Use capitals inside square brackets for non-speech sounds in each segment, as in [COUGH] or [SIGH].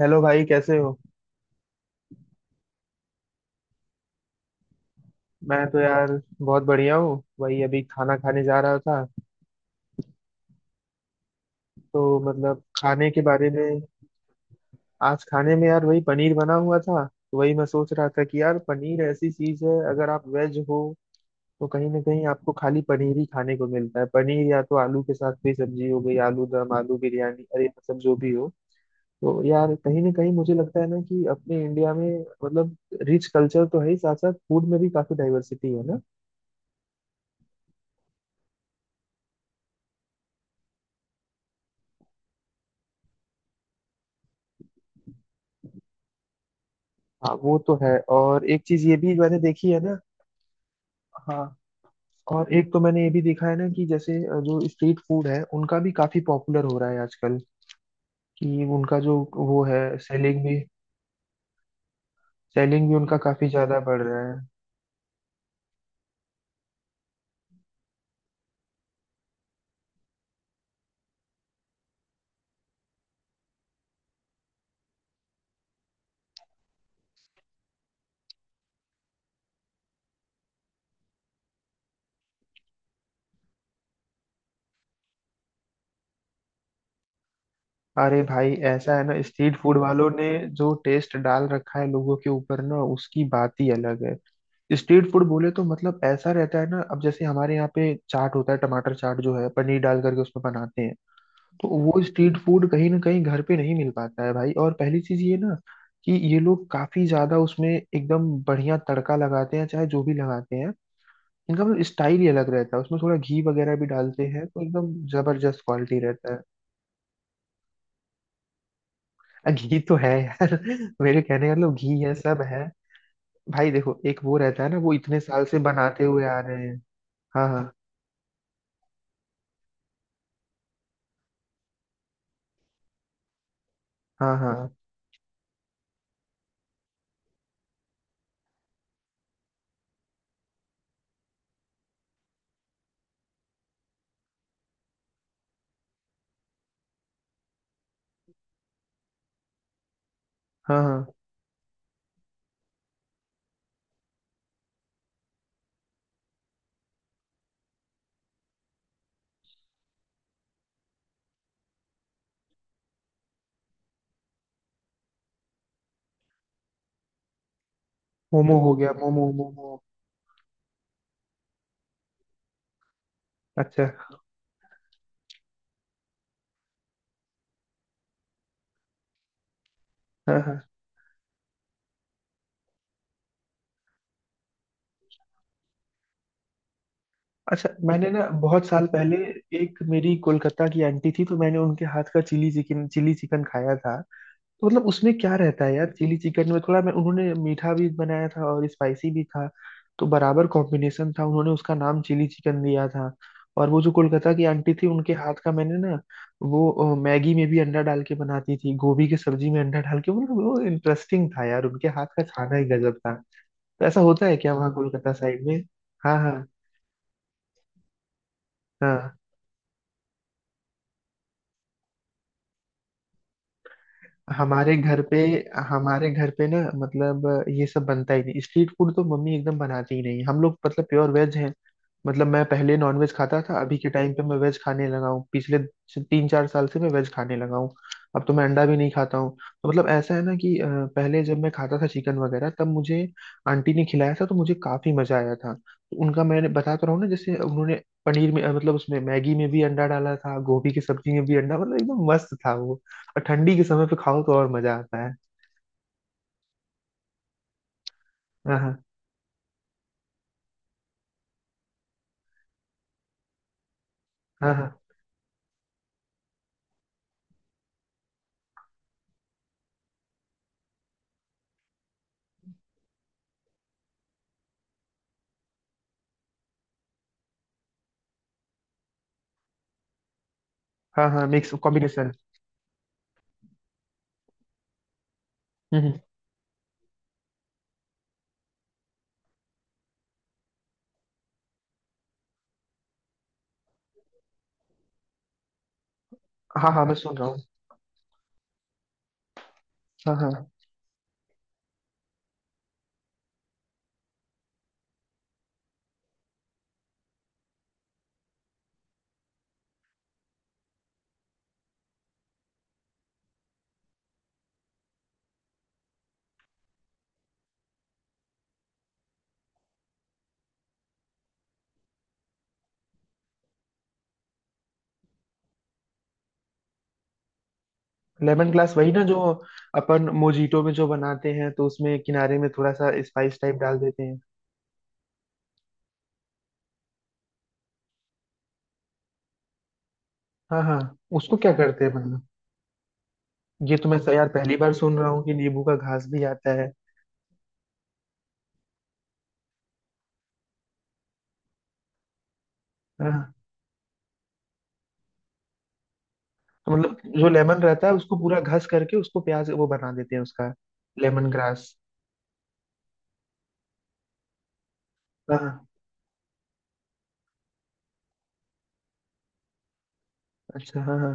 Hello भाई कैसे हो। मैं तो यार बहुत बढ़िया हूँ, वही अभी खाना खाने जा रहा था। तो मतलब खाने के बारे में, आज खाने में यार वही पनीर बना हुआ था। तो वही मैं सोच रहा था कि यार पनीर ऐसी चीज है, अगर आप वेज हो तो कहीं ना कहीं आपको खाली पनीर ही खाने को मिलता है। पनीर या तो आलू के साथ कोई सब्जी हो गई, आलू दम, आलू बिरयानी, अरे मतलब जो भी हो। तो यार कहीं ना कहीं मुझे लगता है ना कि अपने इंडिया में मतलब रिच कल्चर तो है ही, साथ साथ फूड में भी काफी डाइवर्सिटी है ना। हाँ वो तो है, और एक चीज ये भी मैंने देखी है ना। हाँ। और एक तो मैंने ये भी देखा है ना कि जैसे जो स्ट्रीट फूड है उनका भी काफी पॉपुलर हो रहा है आजकल, कि उनका जो वो है सेलिंग भी, सेलिंग भी उनका काफी ज्यादा बढ़ रहा है। अरे भाई ऐसा है ना, स्ट्रीट फूड वालों ने जो टेस्ट डाल रखा है लोगों के ऊपर ना, उसकी बात ही अलग है। स्ट्रीट फूड बोले तो मतलब ऐसा रहता है ना, अब जैसे हमारे यहाँ पे चाट होता है, टमाटर चाट जो है पनीर डाल करके उसमें बनाते हैं। तो वो स्ट्रीट फूड कहीं ना कहीं घर पे नहीं मिल पाता है भाई। और पहली चीज ये ना कि ये लोग काफी ज्यादा उसमें एकदम बढ़िया तड़का लगाते हैं, चाहे जो भी लगाते हैं। इनका मतलब स्टाइल ही अलग रहता है, उसमें थोड़ा घी वगैरह भी डालते हैं तो एकदम जबरदस्त क्वालिटी रहता है। घी तो है यार। [LAUGHS] मेरे कहने का मतलब घी है, सब है। भाई देखो एक वो रहता है ना, वो इतने साल से बनाते हुए आ रहे हैं। हाँ हाँ हाँ हाँ हाँ। हाँ, मोमो हो गया, मोमो मोमो। अच्छा। हाँ हाँ। अच्छा मैंने ना बहुत साल पहले एक मेरी कोलकाता की आंटी थी, तो मैंने उनके हाथ का चिली चिकन, चिली चिकन खाया था। तो मतलब उसमें क्या रहता है यार, चिली चिकन में थोड़ा मैं, उन्होंने मीठा भी बनाया था और स्पाइसी भी था। तो बराबर कॉम्बिनेशन था, उन्होंने उसका नाम चिली चिकन दिया था। और वो जो कोलकाता की आंटी थी उनके हाथ का मैंने ना, वो मैगी में भी अंडा डाल के बनाती थी, गोभी की सब्जी में अंडा डाल के, मतलब वो इंटरेस्टिंग था यार, उनके हाथ का खाना ही गजब था। तो ऐसा होता है क्या वहाँ कोलकाता साइड में? हाँ हाँ। हाँ, हमारे घर पे, हमारे घर पे ना मतलब ये सब बनता ही नहीं, स्ट्रीट फूड तो मम्मी एकदम बनाती ही नहीं, हम लोग मतलब प्योर वेज हैं। मतलब मैं पहले नॉनवेज खाता था, अभी के टाइम पे मैं वेज खाने लगा हूँ, पिछले तीन चार साल से मैं वेज खाने लगा हूँ। अब तो मैं अंडा भी नहीं खाता हूँ। तो मतलब ऐसा है ना कि पहले जब मैं खाता था चिकन वगैरह, तब मुझे आंटी ने खिलाया था तो मुझे काफी मजा आया था। तो उनका मैंने बता तो रहा हूँ ना, जैसे उन्होंने पनीर में मतलब उसमें मैगी में भी अंडा डाला था, गोभी की सब्जी में भी अंडा, मतलब एकदम मस्त था वो। और ठंडी के समय पे खाओ तो और मजा आता है। हाँ हाँ हाँ हाँ हाँ। हाँ मिक्स कॉम्बिनेशन। हम्म हम्म। हाँ हाँ, मैं सुन रहा हूँ। हाँ हाँ। लेमन ग्लास वही ना जो अपन मोजीटो में जो बनाते हैं तो उसमें किनारे में थोड़ा सा स्पाइस टाइप डाल देते हैं। हाँ हाँ। उसको क्या करते हैं मतलब? ये तो मैं यार पहली बार सुन रहा हूँ कि नींबू का घास भी आता है। हाँ हाँ, तो मतलब जो लेमन रहता है उसको पूरा घस करके उसको प्याज वो बना देते हैं उसका? Lemon grass. हाँ हाँ, अच्छा हाँ हाँ।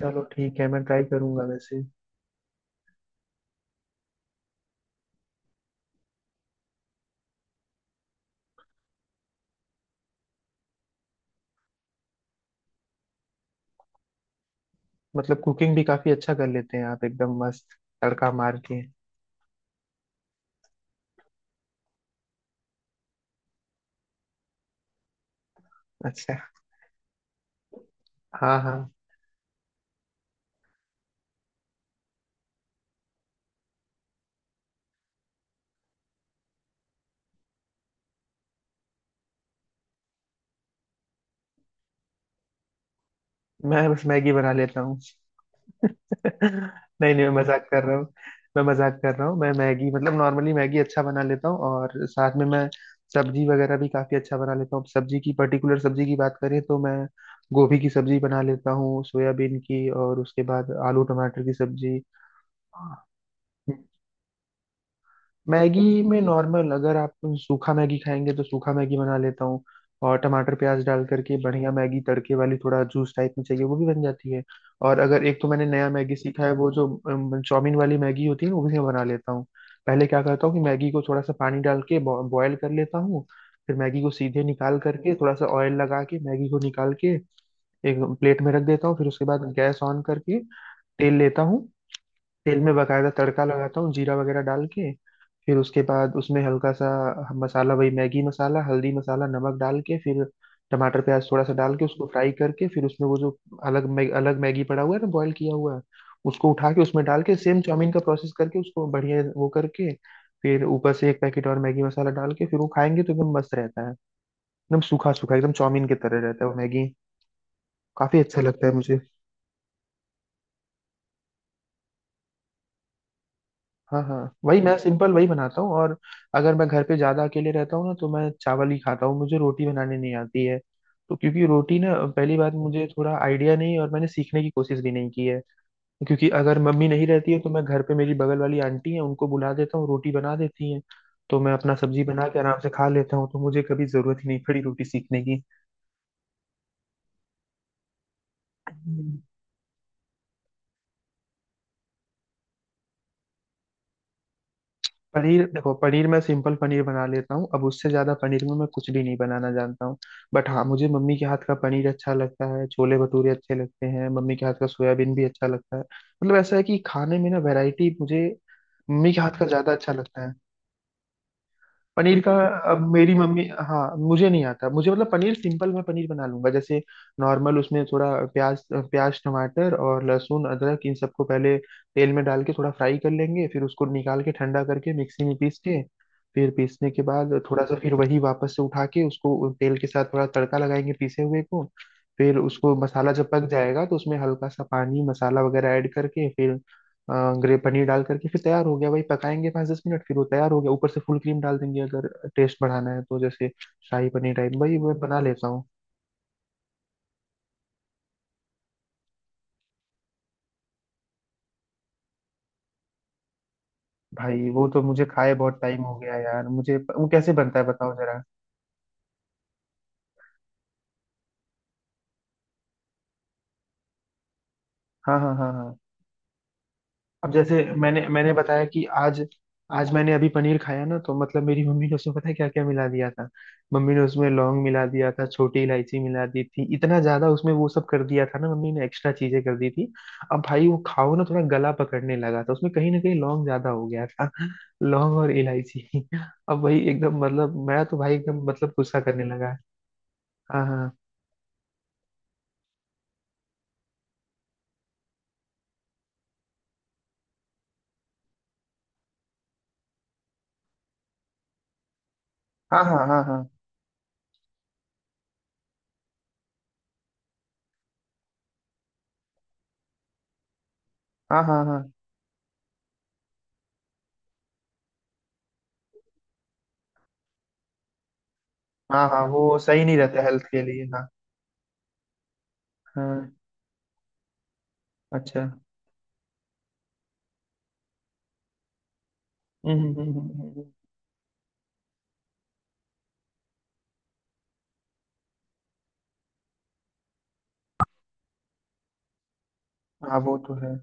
चलो ठीक है, मैं ट्राई करूंगा वैसे। मतलब कुकिंग भी काफी अच्छा कर लेते हैं आप, एकदम मस्त तड़का मार के। अच्छा। हाँ हाँ। मैं बस मैगी बना लेता हूँ। [LAUGHS] नहीं नहीं, मैं मजाक कर रहा हूँ। मैं मजाक कर रहा हूँ, मैं मैगी मतलब नॉर्मली मैगी अच्छा बना लेता हूँ, और साथ में मैं सब्जी वगैरह भी काफी अच्छा बना लेता हूँ। सब्जी की पर्टिकुलर सब्जी की बात करें तो मैं गोभी की सब्जी बना लेता हूँ, सोयाबीन की, और उसके बाद आलू टमाटर की सब्जी। मैगी में नॉर्मल अगर आप सूखा मैगी खाएंगे तो सूखा मैगी बना लेता हूँ, और टमाटर प्याज डाल करके बढ़िया मैगी तड़के वाली, थोड़ा जूस टाइप में चाहिए वो भी बन जाती है। और अगर, एक तो मैंने नया मैगी सीखा है, वो जो चाउमीन वाली मैगी होती है ना, वो भी मैं बना लेता हूँ। पहले क्या करता हूँ कि मैगी को थोड़ा सा पानी डाल के बॉयल कर लेता हूँ, फिर मैगी को सीधे निकाल करके थोड़ा सा ऑयल लगा के मैगी को निकाल के एक प्लेट में रख देता हूँ। फिर उसके बाद गैस ऑन करके तेल लेता हूँ, तेल में बकायदा तड़का लगाता हूँ जीरा वगैरह डाल के। फिर उसके बाद उसमें हल्का सा मसाला, वही मैगी मसाला, हल्दी मसाला नमक डाल के, फिर टमाटर प्याज थोड़ा सा डाल के उसको फ्राई करके, फिर उसमें वो जो अलग मैगी पड़ा हुआ है ना, बॉईल किया हुआ, उसको उठा के उसमें डाल के सेम चाउमीन का प्रोसेस करके उसको बढ़िया वो करके, फिर ऊपर से एक पैकेट और मैगी मसाला डाल के, फिर वो खाएंगे तो एकदम मस्त रहता है। एकदम सूखा सूखा एकदम चाउमीन की तरह रहता है वो मैगी, काफी अच्छा लगता है मुझे। हाँ हाँ। वही मैं सिंपल वही बनाता हूँ। और अगर मैं घर पे ज्यादा अकेले रहता हूँ ना तो मैं चावल ही खाता हूँ, मुझे रोटी बनाने नहीं आती है। तो क्योंकि रोटी ना, पहली बात मुझे थोड़ा आइडिया नहीं है, और मैंने सीखने की कोशिश भी नहीं की है। क्योंकि अगर मम्मी नहीं रहती है तो मैं घर पे मेरी बगल वाली आंटी है उनको बुला देता हूँ, रोटी बना देती हैं। तो मैं अपना सब्जी बना के आराम से खा लेता हूँ। तो मुझे कभी जरूरत ही नहीं पड़ी रोटी सीखने की। पनीर देखो, पनीर मैं सिंपल पनीर बना लेता हूँ, अब उससे ज्यादा पनीर में मैं कुछ भी नहीं बनाना जानता हूँ। बट हाँ, मुझे मम्मी के हाथ का पनीर अच्छा लगता है, छोले भटूरे अच्छे लगते हैं मम्मी के हाथ का, सोयाबीन भी अच्छा लगता है। मतलब ऐसा है कि खाने में ना वैरायटी मुझे मम्मी के हाथ का ज्यादा अच्छा लगता है। पनीर का अब मेरी मम्मी, हाँ मुझे नहीं आता, मुझे मतलब पनीर सिंपल मैं पनीर बना लूंगा जैसे नॉर्मल, उसमें थोड़ा प्याज प्याज टमाटर और लहसुन अदरक इन सबको पहले तेल में डाल के थोड़ा फ्राई कर लेंगे, फिर उसको निकाल के ठंडा करके मिक्सी में पीस के, फिर पीसने के बाद थोड़ा सा फिर वही वापस से उठा के उसको तेल के साथ थोड़ा तड़का लगाएंगे पीसे हुए को, फिर उसको मसाला जब पक जाएगा तो उसमें हल्का सा पानी मसाला वगैरह ऐड करके, फिर ग्रे पनीर डाल करके फिर तैयार हो गया भाई, पकाएंगे पाँच दस मिनट फिर वो तैयार हो गया, ऊपर से फुल क्रीम डाल देंगे अगर टेस्ट बढ़ाना है तो, जैसे शाही पनीर टाइप भाई मैं बना लेता हूँ। भाई वो तो मुझे खाए बहुत टाइम हो गया यार, मुझे वो कैसे बनता है बताओ जरा। हाँ हाँ हाँ हाँ। अब जैसे मैंने मैंने बताया कि आज, आज मैंने अभी पनीर खाया ना, तो मतलब मेरी मम्मी ने उसमें पता है क्या क्या मिला दिया था, मम्मी ने उसमें लौंग मिला दिया था, छोटी इलायची मिला दी थी, इतना ज्यादा उसमें वो सब कर दिया था ना मम्मी ने, एक्स्ट्रा चीजें कर दी थी। अब भाई वो खाओ ना थोड़ा गला पकड़ने लगा था, उसमें कहीं ना कहीं लौंग ज्यादा हो गया था, [LAUGHS] लौंग और इलायची। [LAUGHS] अब वही एकदम मतलब मैं तो भाई एकदम मतलब गुस्सा करने लगा। हाँ हाँ हाँ हाँ हाँ हाँ हाँ हाँ हाँ हाँ हाँ, वो सही नहीं रहता हेल्थ के लिए, हाँ। हाँ। अच्छा। हम्म। हाँ वो तो है।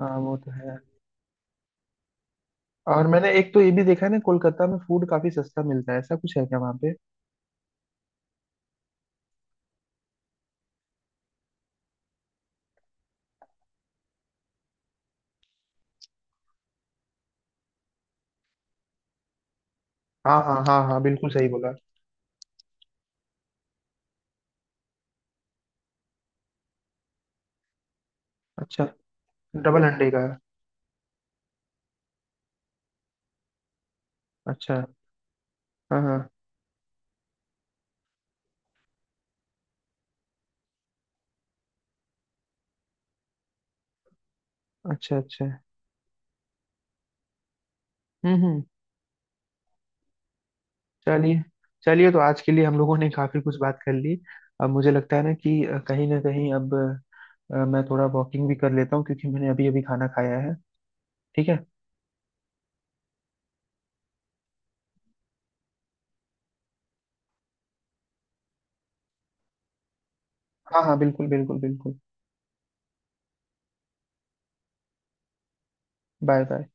हाँ वो तो है। और मैंने एक तो ये भी देखा है ना, कोलकाता में फूड काफी सस्ता मिलता है, ऐसा कुछ है क्या वहाँ पे? हाँ हाँ हाँ हाँ, बिल्कुल सही बोला। अच्छा, डबल अंडे का है? अच्छा हाँ हाँ। अच्छा अच्छा। हम्म। चलिए, चलिए तो आज के लिए हम लोगों ने काफी कुछ बात कर ली। अब मुझे लगता है ना कि कहीं ना कहीं अब मैं थोड़ा वॉकिंग भी कर लेता हूँ, क्योंकि मैंने अभी अभी खाना खाया है। ठीक है। हाँ हाँ बिल्कुल बिल्कुल बिल्कुल। Bye bye.